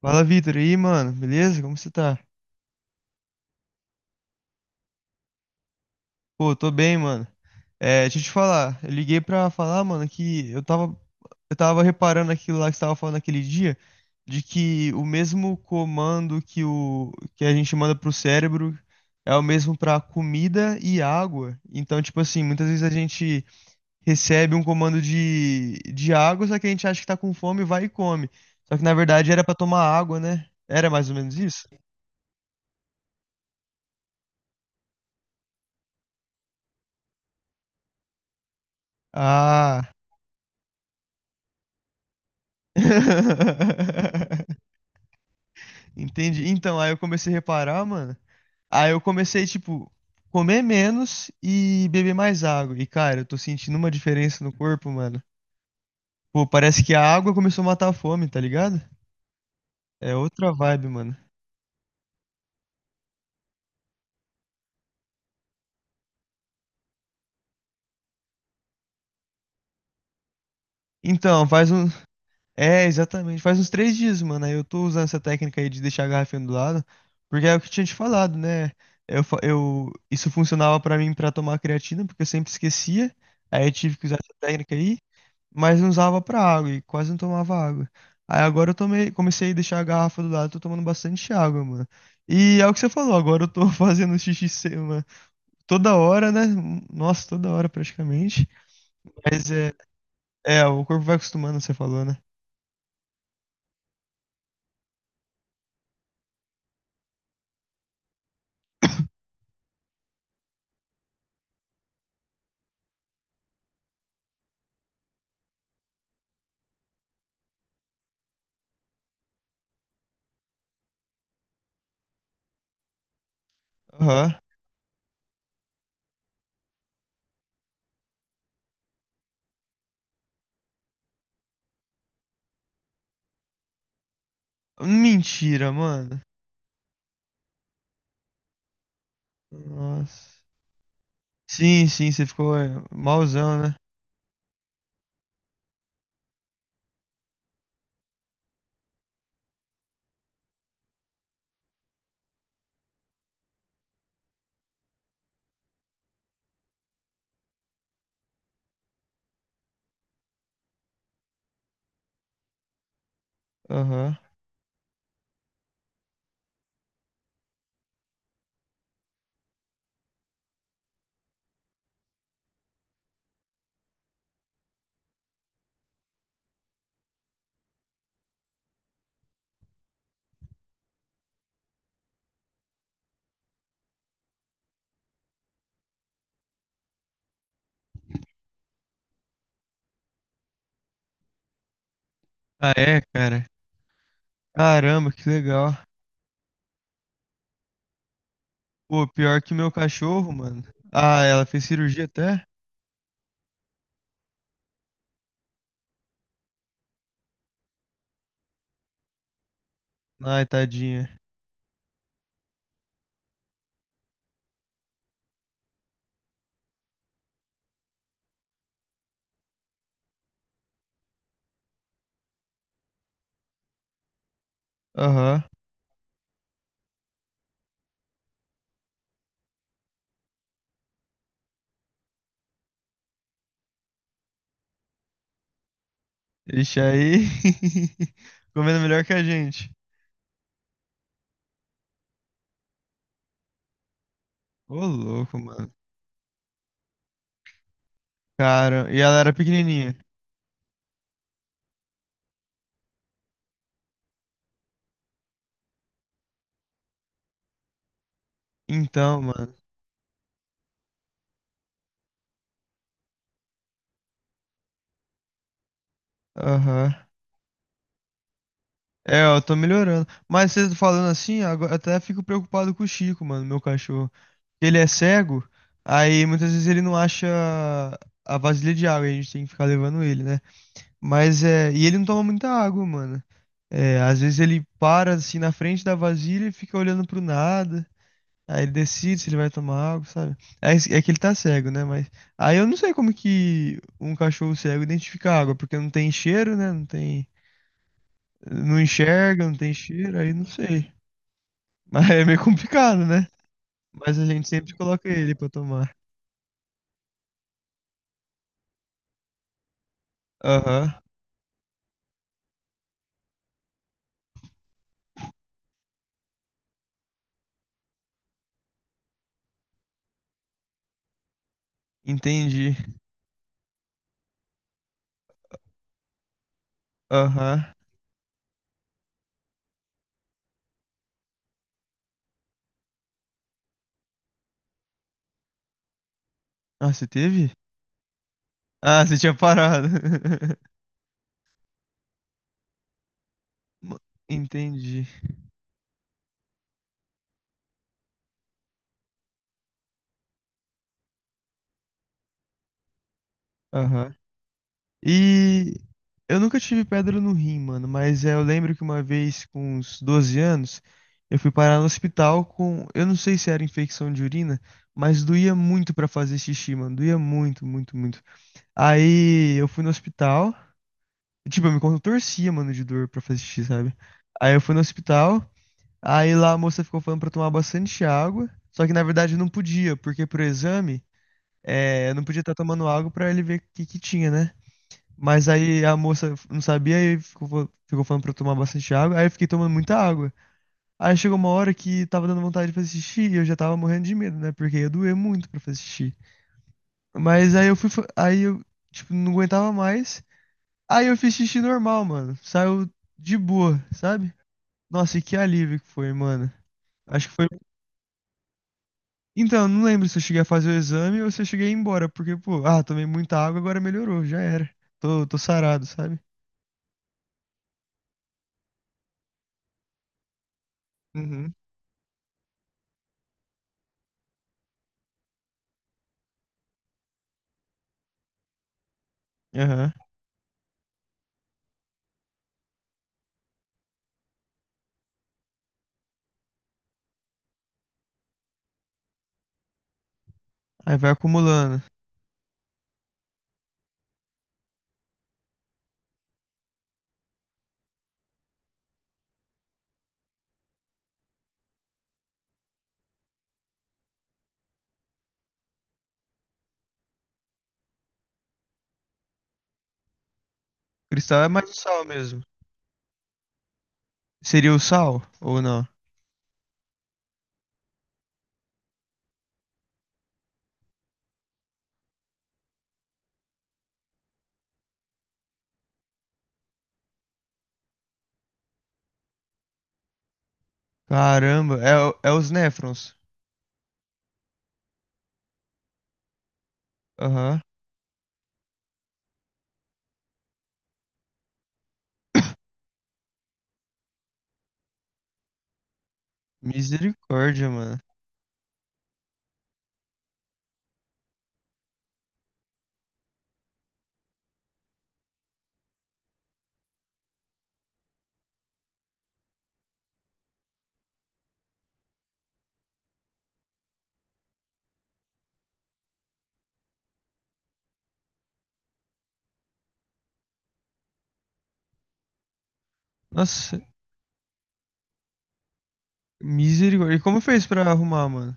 Fala, Vitor. E aí, mano? Beleza? Como você tá? Pô, tô bem, mano. É, deixa eu te falar. Eu liguei pra falar, mano, que eu tava reparando aquilo lá que você tava falando naquele dia, de que o mesmo comando que a gente manda pro cérebro é o mesmo pra comida e água. Então, tipo assim, muitas vezes a gente recebe um comando de água, só que a gente acha que tá com fome, vai e come. Só que na verdade era pra tomar água, né? Era mais ou menos isso? Ah. Entendi. Então, aí eu comecei a reparar, mano. Aí eu comecei, tipo, comer menos e beber mais água. E, cara, eu tô sentindo uma diferença no corpo, mano. Pô, parece que a água começou a matar a fome, tá ligado? É outra vibe, mano. Então, faz um. É, exatamente. Faz uns 3 dias, mano. Aí eu tô usando essa técnica aí de deixar a garrafinha do lado. Porque é o que eu tinha te falado, né? Isso funcionava pra mim pra tomar creatina, porque eu sempre esquecia. Aí eu tive que usar essa técnica aí. Mas não usava pra água e quase não tomava água. Aí agora eu tomei, comecei a deixar a garrafa do lado, tô tomando bastante água, mano. E é o que você falou, agora eu tô fazendo xixi se- uma- toda hora, né? Nossa, toda hora praticamente. Mas é, o corpo vai acostumando, você falou, né? Aham. Mentira, mano. Nossa. Sim, sim, você ficou é, malzão, né? Aham. Ah, é, cara. Caramba, que legal. Pô, pior que meu cachorro, mano. Ah, ela fez cirurgia até? Ai, tadinha. Aham. Ixi, aí. Comendo melhor que a gente. Ô, louco, mano. Cara, e ela era pequenininha. Então, mano. Aham. É, ó, eu tô melhorando. Mas você falando assim, agora até fico preocupado com o Chico, mano, meu cachorro. Ele é cego, aí muitas vezes ele não acha a vasilha de água, aí a gente tem que ficar levando ele, né? Mas é. E ele não toma muita água, mano. É, às vezes ele para assim na frente da vasilha e fica olhando pro nada. Aí ele decide se ele vai tomar água, sabe? É, é que ele tá cego, né? Mas aí eu não sei como que um cachorro cego identifica a água, porque não tem cheiro, né? Não enxerga, não tem cheiro, aí não sei. Mas é meio complicado, né? Mas a gente sempre coloca ele pra tomar. Aham, entendi. Aham. Ah, você teve? Ah, você tinha parado. Entendi. Aham. E eu nunca tive pedra no rim, mano, mas é, eu lembro que uma vez, com uns 12 anos, eu fui parar no hospital com, eu não sei se era infecção de urina, mas doía muito pra fazer xixi, mano, doía muito, muito, muito. Aí eu fui no hospital, tipo, eu me contorcia, mano, de dor pra fazer xixi, sabe? Aí eu fui no hospital, aí lá a moça ficou falando pra tomar bastante água, só que na verdade eu não podia, porque pro exame, é, eu não podia estar tomando água pra ele ver o que que tinha, né? Mas aí a moça não sabia e ficou falando pra eu tomar bastante água. Aí eu fiquei tomando muita água. Aí chegou uma hora que tava dando vontade de fazer xixi e eu já tava morrendo de medo, né? Porque ia doer muito pra fazer xixi. Mas aí eu, tipo, não aguentava mais. Aí eu fiz xixi normal, mano. Saiu de boa, sabe? Nossa, e que alívio que foi, mano. Acho que foi. Então, não lembro se eu cheguei a fazer o exame ou se eu cheguei a ir embora. Porque, pô, ah, tomei muita água, agora melhorou, já era. Tô sarado, sabe? Uhum. Aham. Aí vai acumulando. Cristal é mais o sal mesmo. Seria o sal ou não? Caramba, é, o- é os néfrons. Aham. Misericórdia, mano. Nossa, misericórdia. E como fez pra arrumar, mano?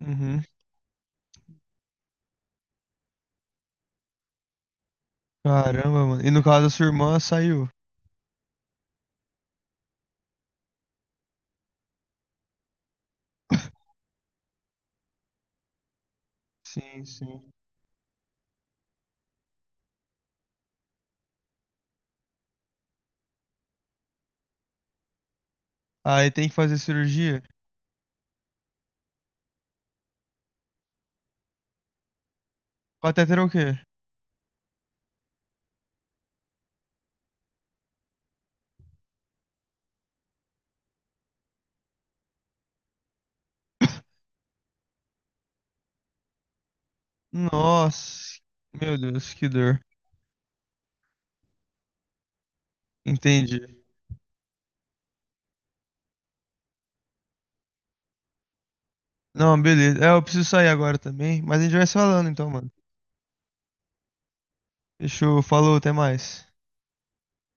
Uhum. Caramba, mano. E no caso da sua irmã, saiu. Sim, sim. Aí tem que fazer cirurgia? Catéter é o quê? Nossa, meu Deus, que dor. Entendi. Não, beleza. É, eu preciso sair agora também, mas a gente vai se falando então, mano. Fechou, falou, até mais.